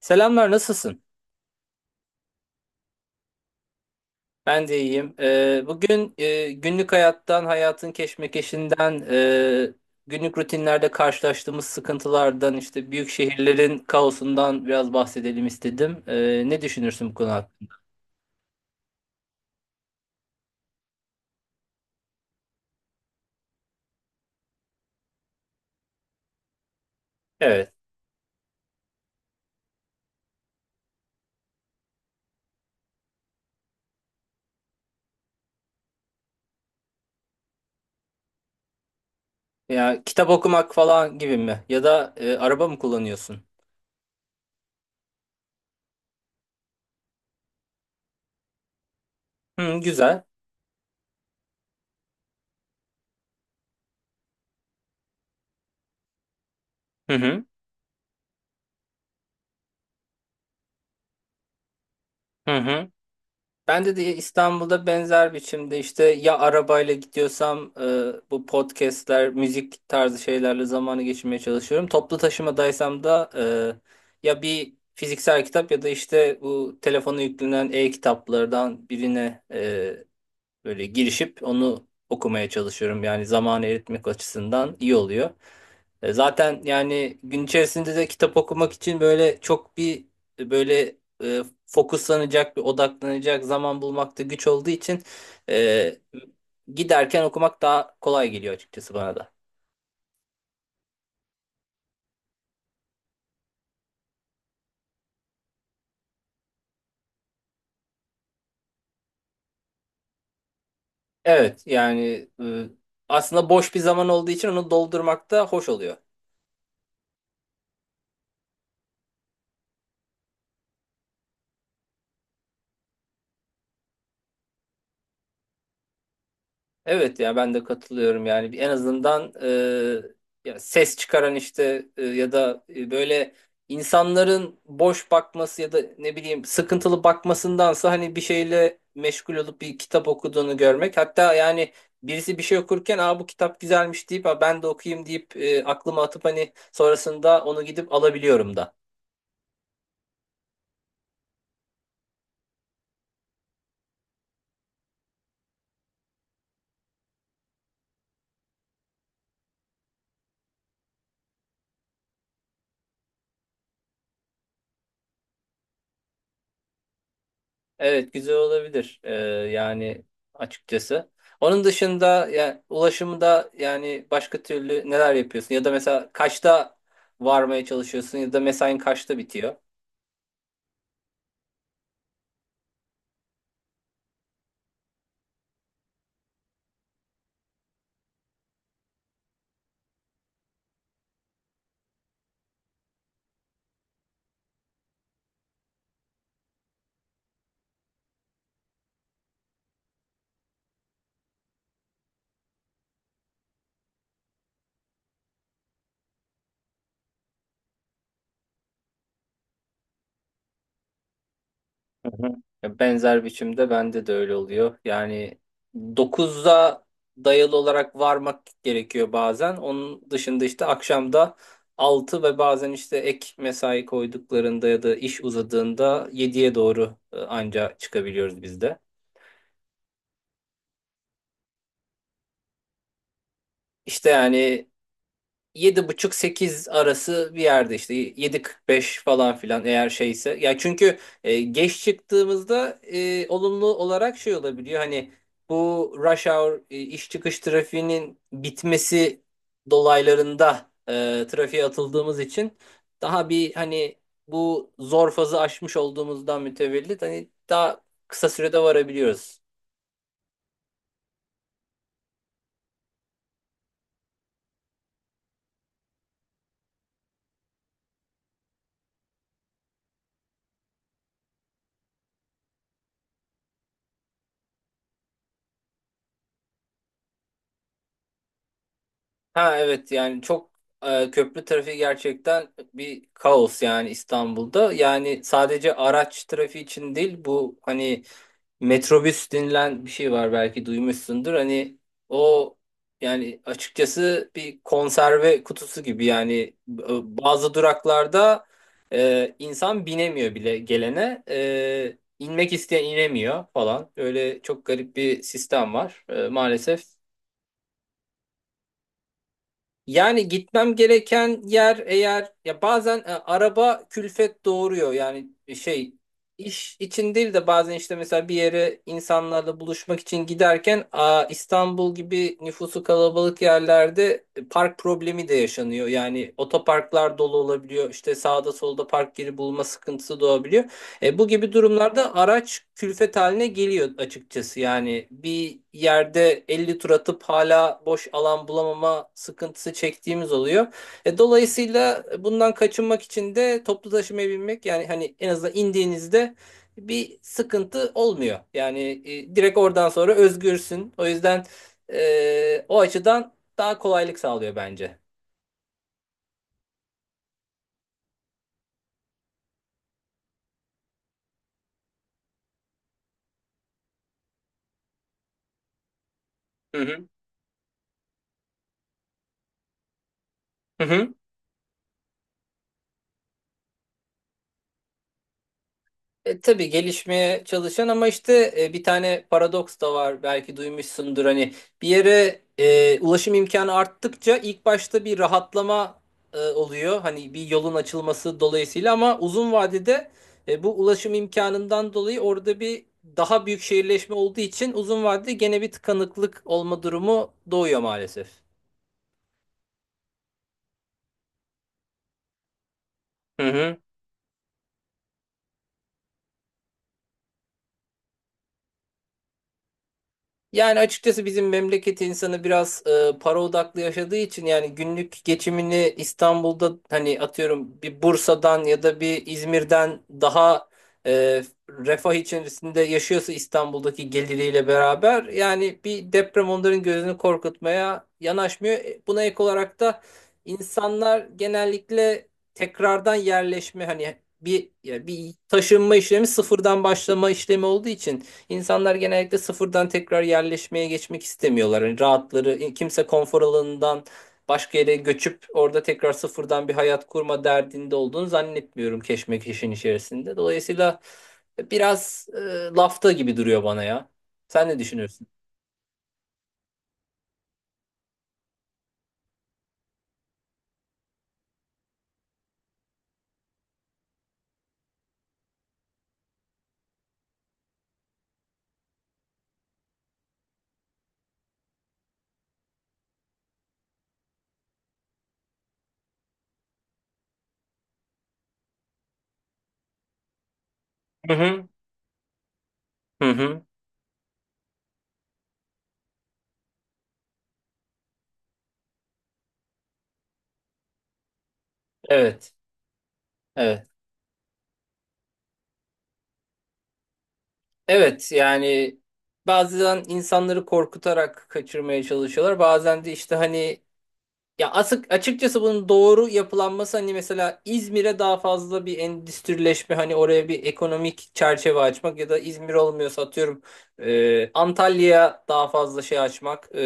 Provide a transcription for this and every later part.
Selamlar, nasılsın? Ben de iyiyim. Bugün günlük hayattan, hayatın keşmekeşinden, günlük rutinlerde karşılaştığımız sıkıntılardan, işte büyük şehirlerin kaosundan biraz bahsedelim istedim. Ne düşünürsün bu konu hakkında? Evet. Ya kitap okumak falan gibi mi? Ya da araba mı kullanıyorsun? Hı, güzel. Hı hı. Hı hı. Bende de İstanbul'da benzer biçimde işte ya arabayla gidiyorsam bu podcastler, müzik tarzı şeylerle zamanı geçirmeye çalışıyorum. Toplu taşımadaysam da ya bir fiziksel kitap ya da işte bu telefona yüklenen e-kitaplardan birine böyle girişip onu okumaya çalışıyorum. Yani zamanı eritmek açısından iyi oluyor. Zaten yani gün içerisinde de kitap okumak için böyle çok bir e, böyle fokuslanacak bir odaklanacak zaman bulmakta güç olduğu için e, giderken okumak daha kolay geliyor açıkçası bana da. Evet yani aslında boş bir zaman olduğu için onu doldurmak da hoş oluyor. Evet ya ben de katılıyorum yani en azından ya ses çıkaran işte ya da böyle insanların boş bakması ya da ne bileyim sıkıntılı bakmasındansa hani bir şeyle meşgul olup bir kitap okuduğunu görmek hatta yani birisi bir şey okurken aa bu kitap güzelmiş deyip "Aa, ben de okuyayım" deyip aklıma atıp hani sonrasında onu gidip alabiliyorum da. Evet güzel olabilir. Yani Açıkçası. Onun dışında ya ulaşımda yani başka türlü neler yapıyorsun ya da mesela kaçta varmaya çalışıyorsun ya da mesain kaçta bitiyor? Hı hı. Ya benzer biçimde bende de öyle oluyor. Yani dokuzda dayalı olarak varmak gerekiyor bazen. Onun dışında işte akşamda 6 ve bazen işte ek mesai koyduklarında ya da iş uzadığında yediye doğru anca çıkabiliyoruz biz de. İşte yani yedi buçuk sekiz arası bir yerde, işte yedi kırk beş falan filan eğer şeyse. Ya çünkü geç çıktığımızda olumlu olarak şey olabiliyor. Hani bu rush hour iş çıkış trafiğinin bitmesi dolaylarında trafiğe atıldığımız için daha bir hani bu zor fazı aşmış olduğumuzdan mütevellit hani daha kısa sürede varabiliyoruz. Ha evet yani çok köprü trafiği gerçekten bir kaos yani İstanbul'da. Yani sadece araç trafiği için değil bu, hani metrobüs denilen bir şey var, belki duymuşsundur. Hani o, yani açıkçası bir konserve kutusu gibi yani, bazı duraklarda insan binemiyor bile gelene. E, inmek isteyen inemiyor falan. Öyle çok garip bir sistem var. E, maalesef. Yani gitmem gereken yer eğer, ya bazen araba külfet doğuruyor yani, iş için değil de bazen işte mesela bir yere insanlarla buluşmak için giderken a, İstanbul gibi nüfusu kalabalık yerlerde park problemi de yaşanıyor. Yani otoparklar dolu olabiliyor, işte sağda solda park yeri bulma sıkıntısı doğabiliyor. Bu gibi durumlarda araç külfet haline geliyor açıkçası. Yani bir yerde 50 tur atıp hala boş alan bulamama sıkıntısı çektiğimiz oluyor. Dolayısıyla bundan kaçınmak için de toplu taşımaya binmek yani, hani en azından indiğinizde bir sıkıntı olmuyor. Yani direkt oradan sonra özgürsün. O yüzden o açıdan daha kolaylık sağlıyor bence. Hı hı. Hı hı. E, tabii gelişmeye çalışan, ama işte bir tane paradoks da var, belki duymuşsundur. Hani bir yere ulaşım imkanı arttıkça ilk başta bir rahatlama oluyor, hani bir yolun açılması dolayısıyla, ama uzun vadede bu ulaşım imkanından dolayı orada bir daha büyük şehirleşme olduğu için uzun vadede gene bir tıkanıklık olma durumu doğuyor maalesef. Hı hı. Yani açıkçası bizim memleket insanı biraz para odaklı yaşadığı için, yani günlük geçimini İstanbul'da hani atıyorum bir Bursa'dan ya da bir İzmir'den daha e, refah içerisinde yaşıyorsa İstanbul'daki geliriyle beraber, yani bir deprem onların gözünü korkutmaya yanaşmıyor. E, buna ek olarak da insanlar genellikle tekrardan yerleşme, hani bir ya bir taşınma işlemi, sıfırdan başlama işlemi olduğu için İnsanlar genellikle sıfırdan tekrar yerleşmeye geçmek istemiyorlar. Hani rahatları, kimse konfor alanından başka yere göçüp orada tekrar sıfırdan bir hayat kurma derdinde olduğunu zannetmiyorum keşmekeşin içerisinde. Dolayısıyla biraz lafta gibi duruyor bana ya. Sen ne düşünüyorsun? Hı hı. Hı hı. Evet. Evet. Evet yani bazen insanları korkutarak kaçırmaya çalışıyorlar. Bazen de işte hani ya asık açıkçası bunun doğru yapılanması, hani mesela İzmir'e daha fazla bir endüstrileşme, hani oraya bir ekonomik çerçeve açmak ya da İzmir olmuyorsa atıyorum Antalya'ya daha fazla şey açmak,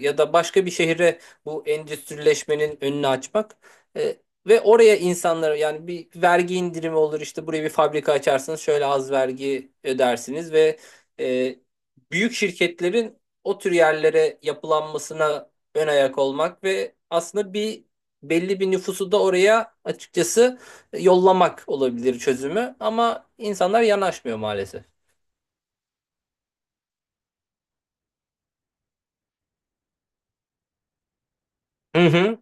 ya da başka bir şehre bu endüstrileşmenin önünü açmak. E, Ve oraya insanlara yani bir vergi indirimi olur, işte buraya bir fabrika açarsınız şöyle az vergi ödersiniz ve e, büyük şirketlerin o tür yerlere yapılanmasına ön ayak olmak ve aslında bir belli bir nüfusu da oraya açıkçası yollamak olabilir çözümü, ama insanlar yanaşmıyor maalesef. Hı hı,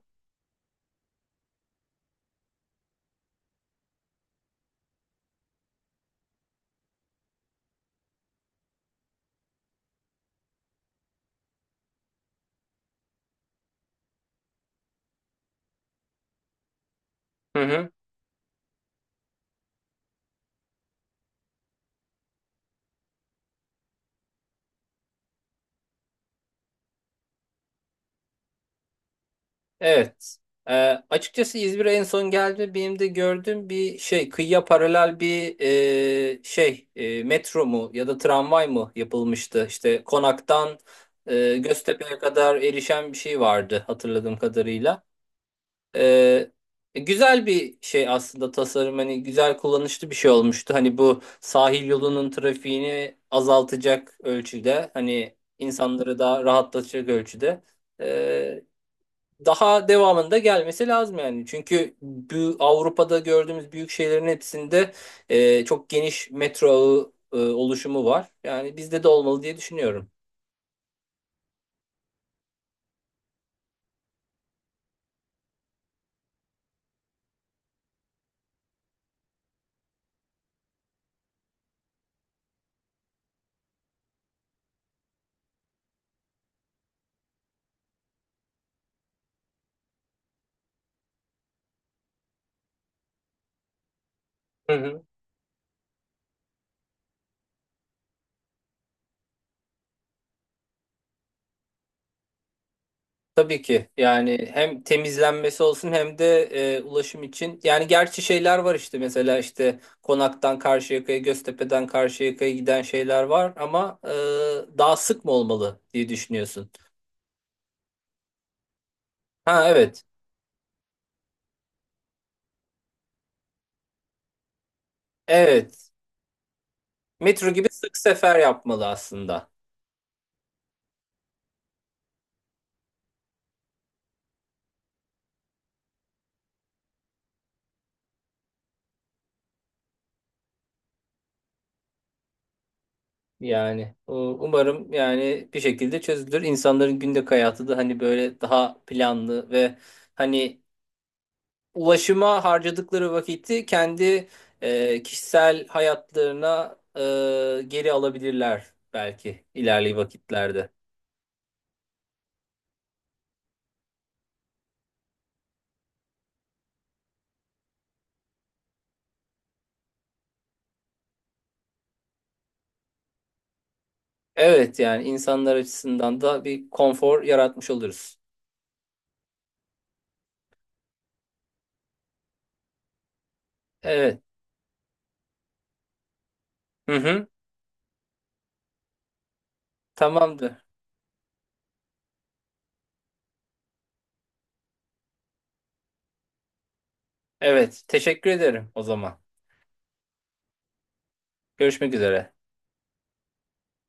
hı hı. Evet. Ee, Açıkçası İzmir'e en son geldi. Benim de gördüğüm bir şey, kıyıya paralel bir metro mu ya da tramvay mı yapılmıştı? İşte Konak'tan Göztepe'ye kadar erişen bir şey vardı hatırladığım kadarıyla. Ee, Güzel bir şey aslında tasarım, hani güzel kullanışlı bir şey olmuştu. Hani bu sahil yolunun trafiğini azaltacak ölçüde, hani insanları daha rahatlatacak ölçüde. Ee, Daha devamında gelmesi lazım yani. Çünkü bu Avrupa'da gördüğümüz büyük şehirlerin hepsinde çok geniş metro ağı oluşumu var. Yani bizde de olmalı diye düşünüyorum. Hı hı. Tabii ki yani hem temizlenmesi olsun hem de ulaşım için, yani gerçi şeyler var, işte mesela işte Konak'tan Karşıyaka'ya, Göztepe'den Karşıyaka'ya giden şeyler var, ama daha sık mı olmalı diye düşünüyorsun. Ha evet, evet, metro gibi sık sefer yapmalı aslında yani umarım yani bir şekilde çözülür, insanların günlük hayatı da hani böyle daha planlı ve hani ulaşıma harcadıkları vakiti kendi kişisel hayatlarına geri alabilirler belki ilerli vakitlerde. Evet yani insanlar açısından da bir konfor yaratmış oluruz. Evet. Hı hı. Tamamdır. Evet. Teşekkür ederim o zaman. Görüşmek üzere.